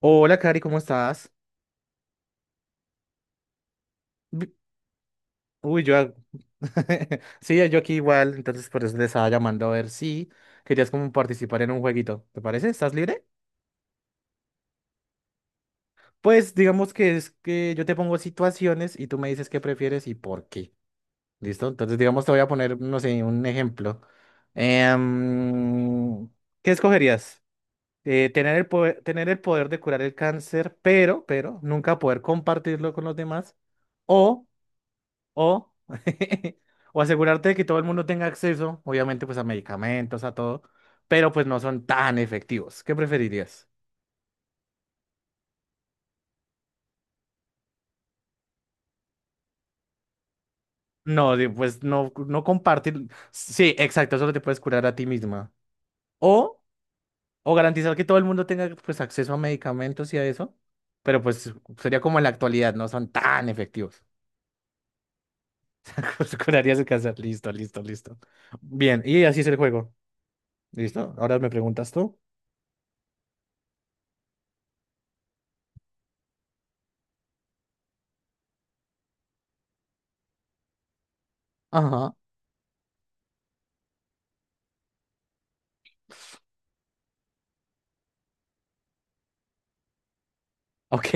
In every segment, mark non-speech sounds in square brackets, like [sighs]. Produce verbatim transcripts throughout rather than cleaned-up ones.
Hola, Cari, ¿cómo estás? Bi- Uy, yo... a- [laughs] Sí, yo aquí igual, entonces por eso les estaba llamando a ver si querías como participar en un jueguito. ¿Te parece? ¿Estás libre? Pues digamos que es que yo te pongo situaciones y tú me dices qué prefieres y por qué. ¿Listo? Entonces digamos te voy a poner, no sé, un ejemplo. Em, ¿Qué escogerías? Eh, tener el poder, tener el poder de curar el cáncer, pero, pero, nunca poder compartirlo con los demás. o O, [laughs] o asegurarte de que todo el mundo tenga acceso, obviamente, pues a medicamentos, a todo, pero pues no son tan efectivos. ¿Qué preferirías? No, di- pues no, no compartir. Sí, exacto, solo te puedes curar a ti misma. O, o garantizar que todo el mundo tenga pues acceso a medicamentos y a eso, pero pues sería como en la actualidad, no son tan efectivos. [laughs] Pues curarías el cáncer. Listo, listo, listo. Bien, y así es el juego. ¿Listo? Ahora me preguntas tú. Ajá. Ok.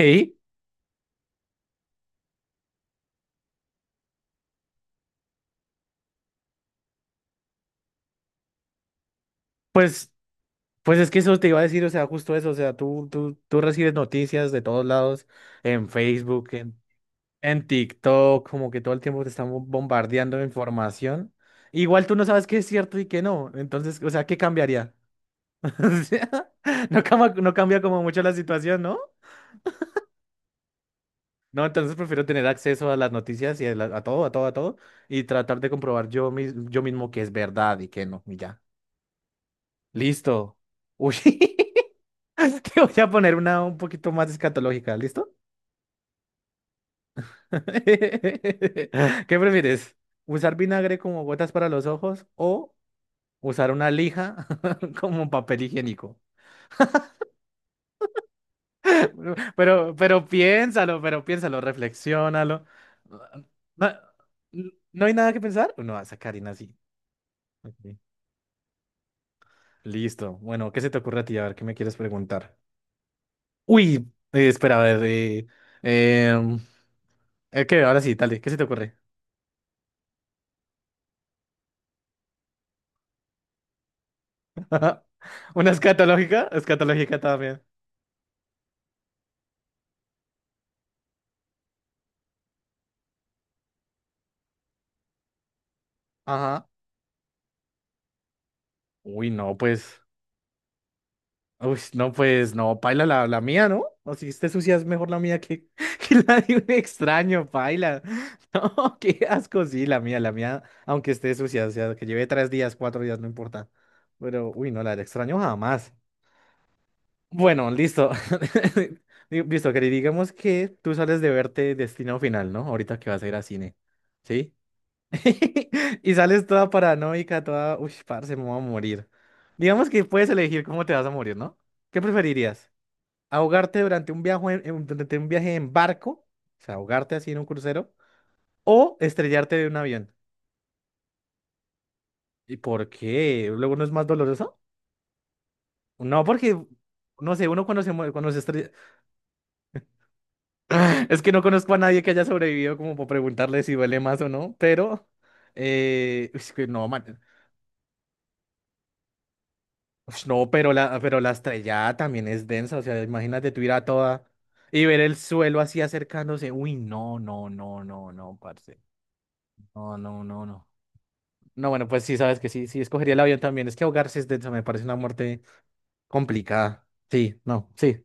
Pues Pues es que eso te iba a decir, o sea, justo eso, o sea, tú, tú, tú recibes noticias de todos lados, en Facebook, en, en TikTok, como que todo el tiempo te están bo- bombardeando de información. Igual tú no sabes qué es cierto y qué no, entonces, o sea, ¿qué cambiaría? [laughs] O sea, no cama- no cambia como mucho la situación, ¿no? No, entonces prefiero tener acceso a las noticias y a, la- a todo, a todo, a todo, y tratar de comprobar yo, mis- yo mismo que es verdad y que no, y ya. Listo. Uy, [laughs] te voy a poner una un poquito más escatológica, ¿listo? [laughs] ¿Qué prefieres? ¿Usar vinagre como gotas para los ojos o usar una lija [laughs] como papel higiénico? [laughs] Pero, pero, piénsalo, pero piénsalo, reflexiónalo. Ah, ¿no, no hay nada que pensar? No, esa Karina sí. Ok. Listo. Bueno, ¿qué se te ocurre a ti? A ver, ¿qué me quieres preguntar? Uy, eh, espera, a ver. eh, em, Es que ahora sí, dale, ¿qué se te ocurre? [laughs] ¿Una escatológica? Escatológica también. Ajá. Uy, no, pues. Uy, no, pues, no, paila la, la mía, ¿no? O si esté sucia es mejor la mía que, [laughs] que la de un extraño, paila. [laughs] No, qué asco, sí, la mía, la mía, aunque esté sucia, o sea, que lleve tres días, cuatro días, no importa. Pero, uy, no, la del extraño jamás. Bueno, listo. [laughs] Digo, listo, querido, digamos que tú sales de verte Destino Final, ¿no? Ahorita que vas a ir a cine. ¿Sí? [laughs] Y sales toda paranoica, toda, uy, parce, me voy a morir. Digamos que puedes elegir cómo te vas a morir, ¿no? ¿Qué preferirías? ¿Ahogarte durante un viaje en, en- durante un viaje en barco? O sea, ahogarte así en un crucero. ¿O estrellarte de un avión? ¿Y por qué? ¿Luego no es más doloroso? No, porque, no sé, uno cuando se muere, cuando se estrella... [sighs] [laughs] Es que no conozco a nadie que haya sobrevivido como para preguntarle si duele más o no, pero... eh, es que no, man. Ush, no, pero la, pero la estrellada también es densa, o sea, imagínate tú ir a toda y ver el suelo así acercándose. Uy, no, no, no, no, no, parce. No, no, no, no. No, bueno, pues sí, sabes que sí, sí, escogería el avión también. Es que ahogarse es densa, me parece una muerte complicada. Sí, no, sí,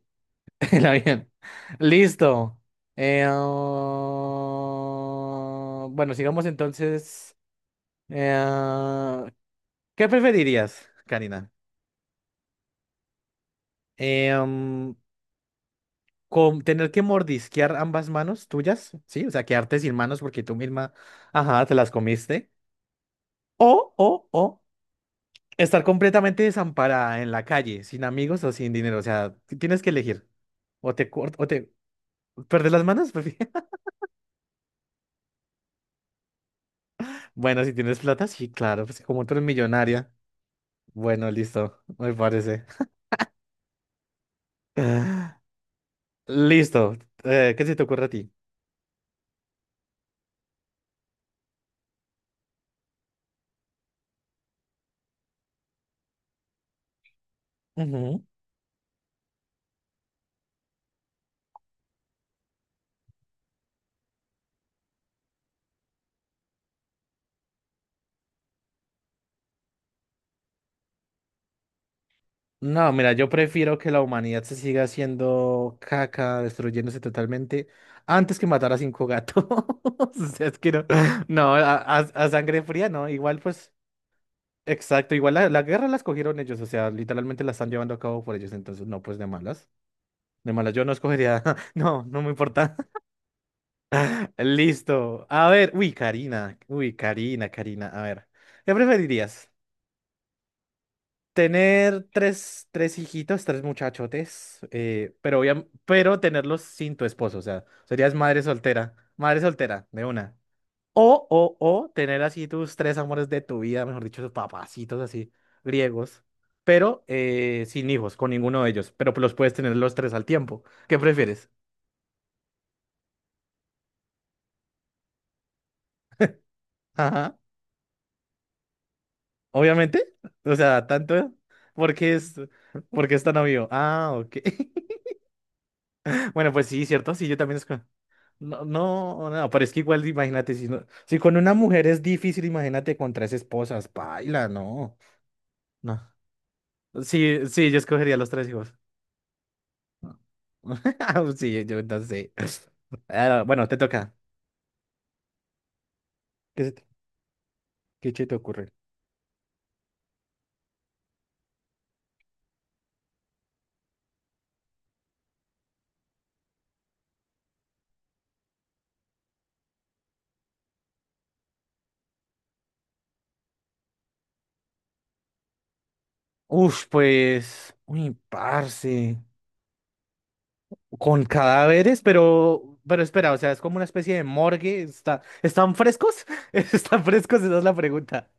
[laughs] el avión. Listo. Eh, ah, Bueno, sigamos entonces. Eh, ah, ¿Qué preferirías, Karina? Eh, mm, con tener que mordisquear ambas manos tuyas, ¿sí? O sea, quedarte sin manos porque tú misma, ajá, te las comiste. O, o, o, estar completamente desamparada en la calle, sin amigos o sin dinero. O sea, t- tienes que elegir. O te cortas, o te perder las manos. [laughs] pues, bueno, si tienes plata, sí, claro, pues como tú eres millonaria. Bueno, listo, me parece. [laughs] Listo. Eh, ¿qué se te ocurre a ti? No, mira, yo prefiero que la humanidad se siga haciendo caca, destruyéndose totalmente, antes que matar a cinco gatos. [laughs] O sea, es que no, no, a, a- a sangre fría, no, igual pues, exacto, igual la, la guerra la escogieron ellos, o sea, literalmente la están llevando a cabo por ellos, entonces no, pues de malas, de malas, yo no escogería, [laughs] no, no me importa. [laughs] Listo, a ver, uy, Karina, uy, Karina, Karina, a ver, ¿qué preferirías? Tener tres, tres hijitos, tres muchachotes, eh, pero, obvia- pero tenerlos sin tu esposo, o sea, serías madre soltera, madre soltera, de una. O, o, o tener así tus tres amores de tu vida, mejor dicho, tus papacitos así, griegos, pero eh, sin hijos, con ninguno de ellos, pero los puedes tener los tres al tiempo. ¿Qué prefieres? Ajá, obviamente, o sea, tanto, porque es, porque es tan obvio. Ah, ok. [laughs] Bueno, pues sí, cierto, sí, yo también esco. No, no, no, pero es que igual, imagínate, si, no- si con una mujer es difícil, imagínate con tres esposas, paila, no, no. Sí, sí, yo escogería los tres hijos. [laughs] Sí, yo no sé. Ah, bueno, te toca. ¿Qué se te, qué se te ocurre? Uf, pues, uy, parce, con cadáveres, pero, pero espera, o sea, es como una especie de morgue, está, ¿están frescos? [laughs] ¿Están frescos? Esa es la pregunta.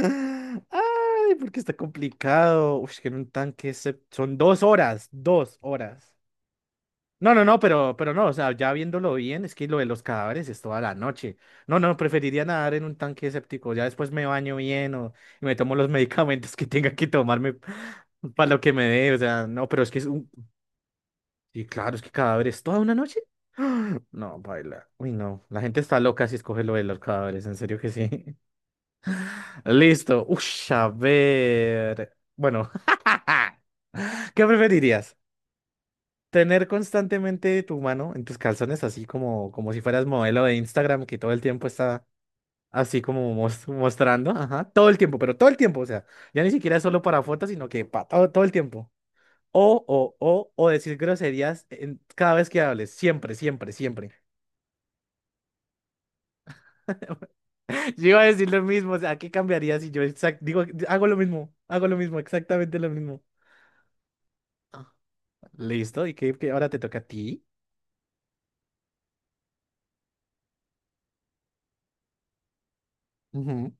Ay, porque está complicado. Uf, es que en un tanque se- son dos horas, dos horas. No, no, no, pero, pero no, o sea, ya viéndolo bien, es que lo de los cadáveres es toda la noche. No, no, preferiría nadar en un tanque séptico. Ya después me baño bien o y me tomo los [laughs] medicamentos que tenga que tomarme para lo que me dé. O sea, no, pero es que es un. Y claro, es que cadáveres toda una noche. [gasps] No, baila. Uy, no. La gente está loca si escoge lo de los cadáveres, en serio que sí. Listo. Ush, a ver. Bueno, [laughs] ¿qué preferirías? ¿Tener constantemente tu mano en tus calzones, así como, como si fueras modelo de Instagram que todo el tiempo está así como mos- mostrando? Ajá, todo el tiempo, pero todo el tiempo, o sea, ya ni siquiera es solo para fotos, sino que para todo, todo el tiempo. O, o, o, o decir groserías en- cada vez que hables, siempre, siempre, siempre. [laughs] Yo iba a decir lo mismo, o sea, ¿qué cambiaría si yo exact- digo, hago lo mismo, hago lo mismo, exactamente lo mismo? Listo, y que, que ahora te toca a ti. Ujú.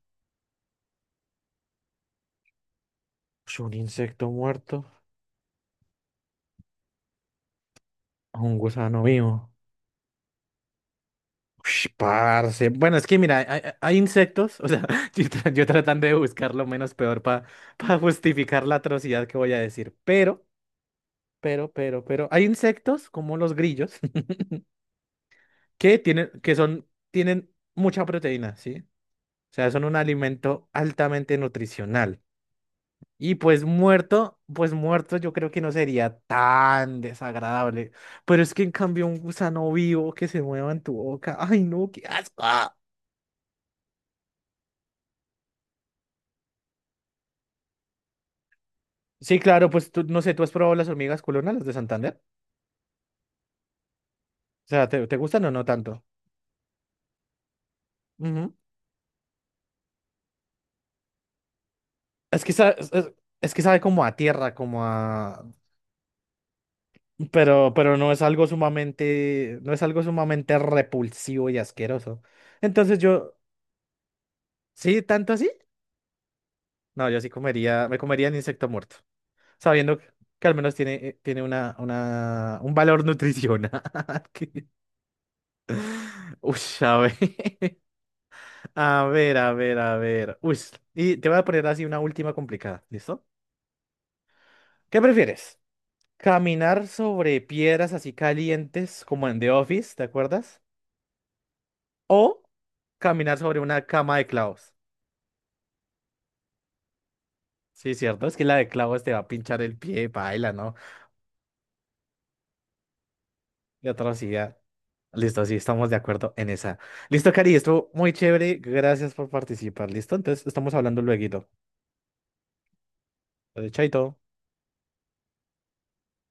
Pues un insecto muerto a un gusano vivo. Ush, parce. Bueno, es que mira, hay, hay- hay insectos, o sea, [laughs] yo, tra- yo tratando de buscar lo menos peor para justificar la atrocidad que voy a decir, pero, pero, pero, pero, hay insectos como los grillos [laughs] que tienen, que son, tienen mucha proteína, ¿sí? O sea, son un alimento altamente nutricional. Y pues muerto, pues muerto yo creo que no sería tan desagradable. Pero es que en cambio un gusano vivo que se mueva en tu boca. Ay, no, qué asco. Sí, claro, pues tú, no sé, ¿tú has probado las hormigas culonas, las de Santander? O sea, ¿te, te gustan o no tanto? Ujú. Es que sabe, es, es- es que sabe como a tierra, como a... Pero, pero no es algo sumamente, no es algo sumamente repulsivo y asqueroso. Entonces yo, ¿sí? ¿Tanto así? No, yo sí comería, me comería el insecto muerto. Sabiendo que al menos tiene, eh, tiene una, una, un valor nutricional. [laughs] que- Uy, a ver, [laughs] a ver, a ver, a ver. Uy, y te voy a poner así una última complicada, ¿listo? ¿Qué prefieres? ¿Caminar sobre piedras así calientes como en The Office, te acuerdas? ¿O caminar sobre una cama de clavos? Sí, cierto, es que la de clavos te va a pinchar el pie, paila, ¿no? De atrocidad. Listo, sí, estamos de acuerdo en esa. Listo, Cari, estuvo muy chévere. Gracias por participar. Listo, entonces estamos hablando luego. Chaito.